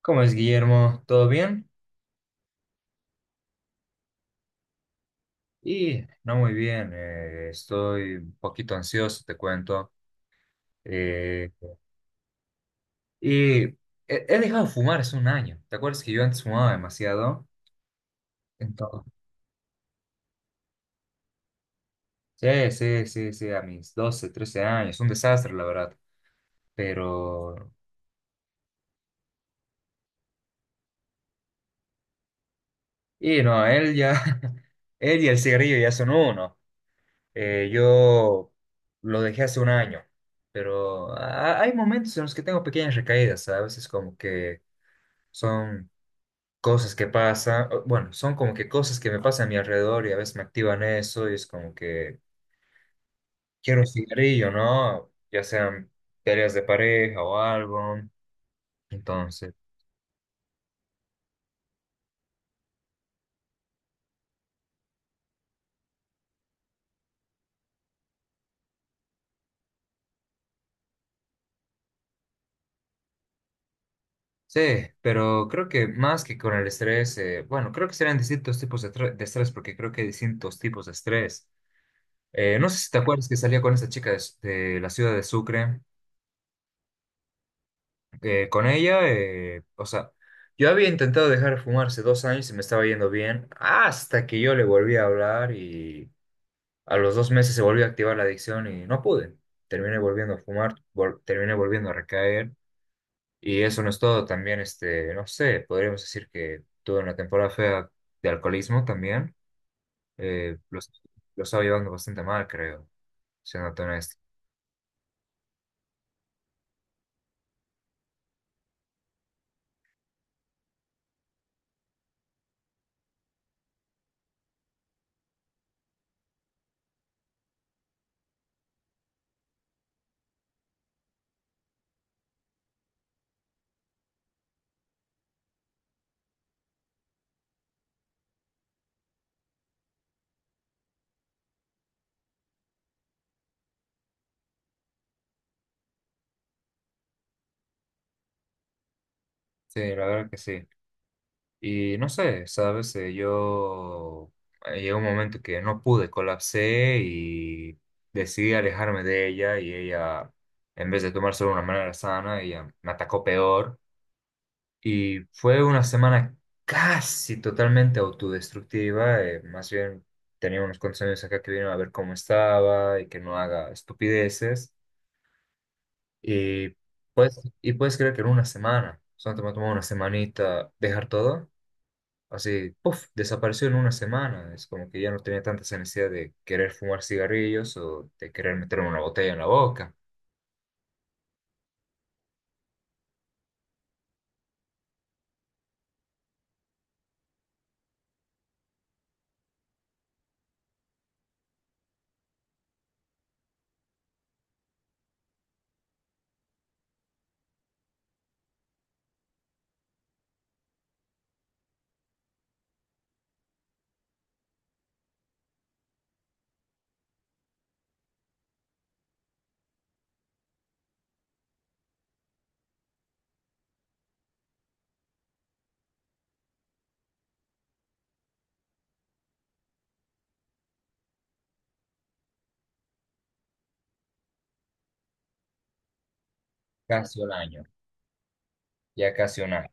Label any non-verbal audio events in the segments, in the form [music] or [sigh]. ¿Cómo es, Guillermo? ¿Todo bien? No muy bien, estoy un poquito ansioso, te cuento. Eh, y he, he dejado de fumar hace un año. ¿Te acuerdas que yo antes fumaba demasiado? Entonces, sí, sí, sí, sí, a mis 12, 13 años, un desastre, la verdad. Pero no, él ya, [laughs] él y el cigarrillo ya son uno. Yo lo dejé hace un año, pero hay momentos en los que tengo pequeñas recaídas, ¿sabes? Es como que son cosas que pasan, bueno, son como que cosas que me pasan a mi alrededor y a veces me activan eso y es como que quiero un cigarrillo, ¿no? Ya sean peleas de pareja o algo. Entonces, sí, pero creo que más que con el estrés, bueno, creo que serán distintos tipos de estrés porque creo que hay distintos tipos de estrés. No sé si te acuerdas que salía con esa chica de la ciudad de Sucre. Eh, con ella, o sea, yo había intentado dejar de fumar hace 2 años y me estaba yendo bien, hasta que yo le volví a hablar y a los 2 meses se volvió a activar la adicción y no pude. Terminé volviendo a fumar, terminé volviendo a recaer y eso no es todo. También, este, no sé, podríamos decir que tuve una temporada fea de alcoholismo también. Eh, lo, lo estaba llevando bastante mal, creo, siendo honesto. Sí, la verdad que sí. Y no sé, ¿sabes? Yo llegó un momento que no pude, colapsé y decidí alejarme de ella y ella, en vez de tomárselo de una manera sana, ella me atacó peor. Y fue una semana casi totalmente autodestructiva, más bien tenía unos cuantos años acá que vinieron a ver cómo estaba y que no haga estupideces. Y, pues, puedes creer que en una semana, solo me tomó una semanita dejar todo así, puff, desapareció en una semana. Es como que ya no tenía tanta esa necesidad de querer fumar cigarrillos o de querer meterme una botella en la boca. Casi un año, ya casi un año.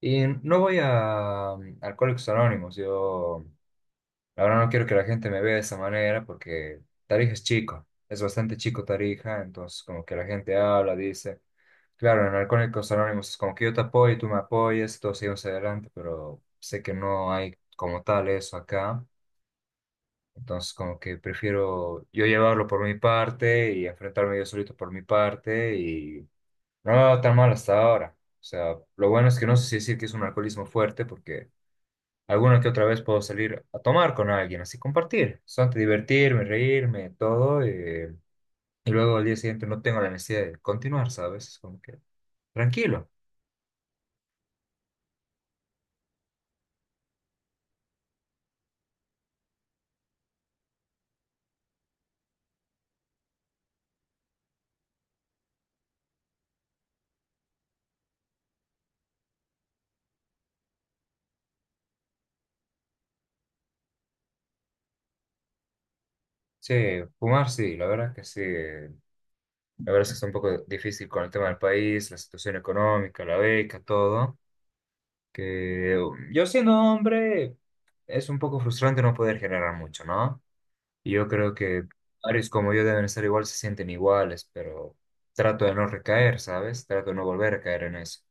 Y no voy a Alcohólicos Anónimos. Yo, la verdad, no quiero que la gente me vea de esa manera porque Tarija es chico, es bastante chico Tarija. Entonces, como que la gente habla, dice. Claro, en Alcohólicos Anónimos es como que yo te apoyo, tú me apoyas, todos seguimos adelante, pero sé que no hay como tal eso acá. Entonces, como que prefiero yo llevarlo por mi parte y enfrentarme yo solito por mi parte y no me va tan mal hasta ahora. O sea, lo bueno es que no sé si decir que es un alcoholismo fuerte porque alguna que otra vez puedo salir a tomar con alguien, así compartir, solamente divertirme, reírme, todo. Y luego al día siguiente no tengo la necesidad de continuar, ¿sabes? Es como que tranquilo. Sí, fumar sí, la verdad que sí. La verdad es que está un poco difícil con el tema del país, la situación económica, la beca, todo. Yo siendo hombre es un poco frustrante no poder generar mucho, ¿no? Y yo creo que varios como yo deben estar igual, se sienten iguales, pero trato de no recaer, ¿sabes? Trato de no volver a caer en eso.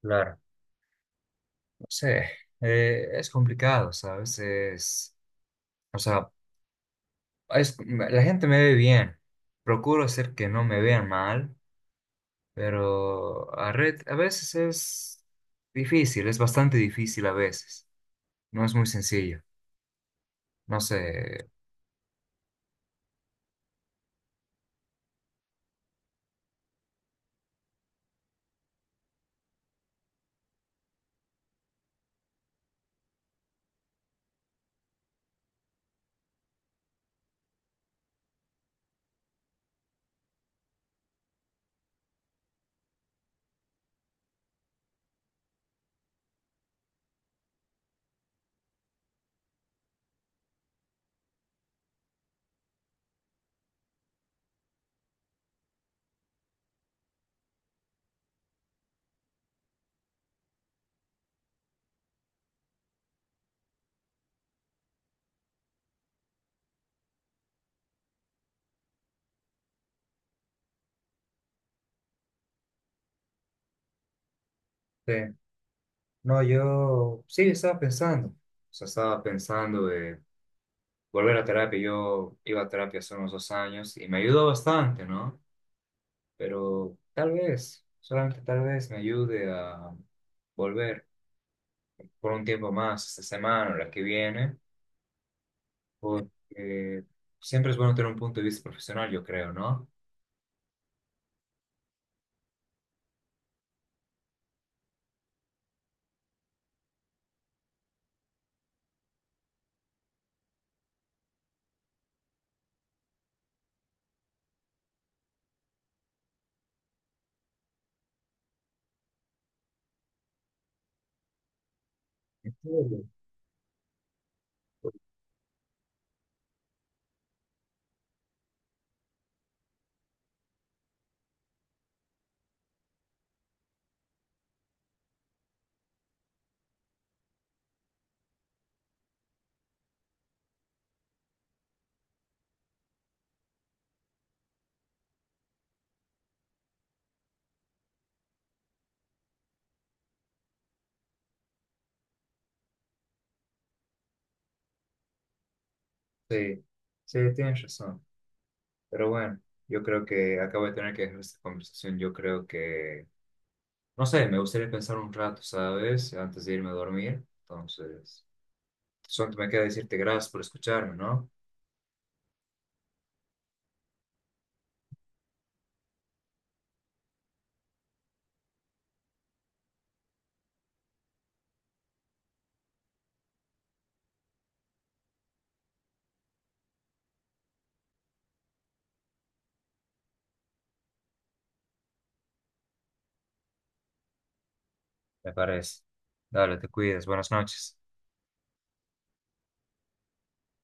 Claro. No sé, es complicado, ¿sabes? O sea, la gente me ve bien, procuro hacer que no me vean mal, pero a veces es difícil, es bastante difícil a veces, no es muy sencillo. No sé, sí. No, yo sí estaba pensando, o sea, estaba pensando de volver a terapia. Yo iba a terapia hace unos 2 años y me ayudó bastante, ¿no? Pero tal vez, solamente tal vez me ayude a volver por un tiempo más, esta semana o la que viene, porque siempre es bueno tener un punto de vista profesional, yo creo, ¿no? ¿En serio? Sí, sí, tienes razón. Pero bueno, yo creo que acabo de tener que dejar esta conversación. Yo creo que no sé, me gustaría pensar un rato, ¿sabes? Antes de irme a dormir. Entonces, solo me queda decirte gracias por escucharme, ¿no? Me parece. Dale, te cuidas. Buenas noches.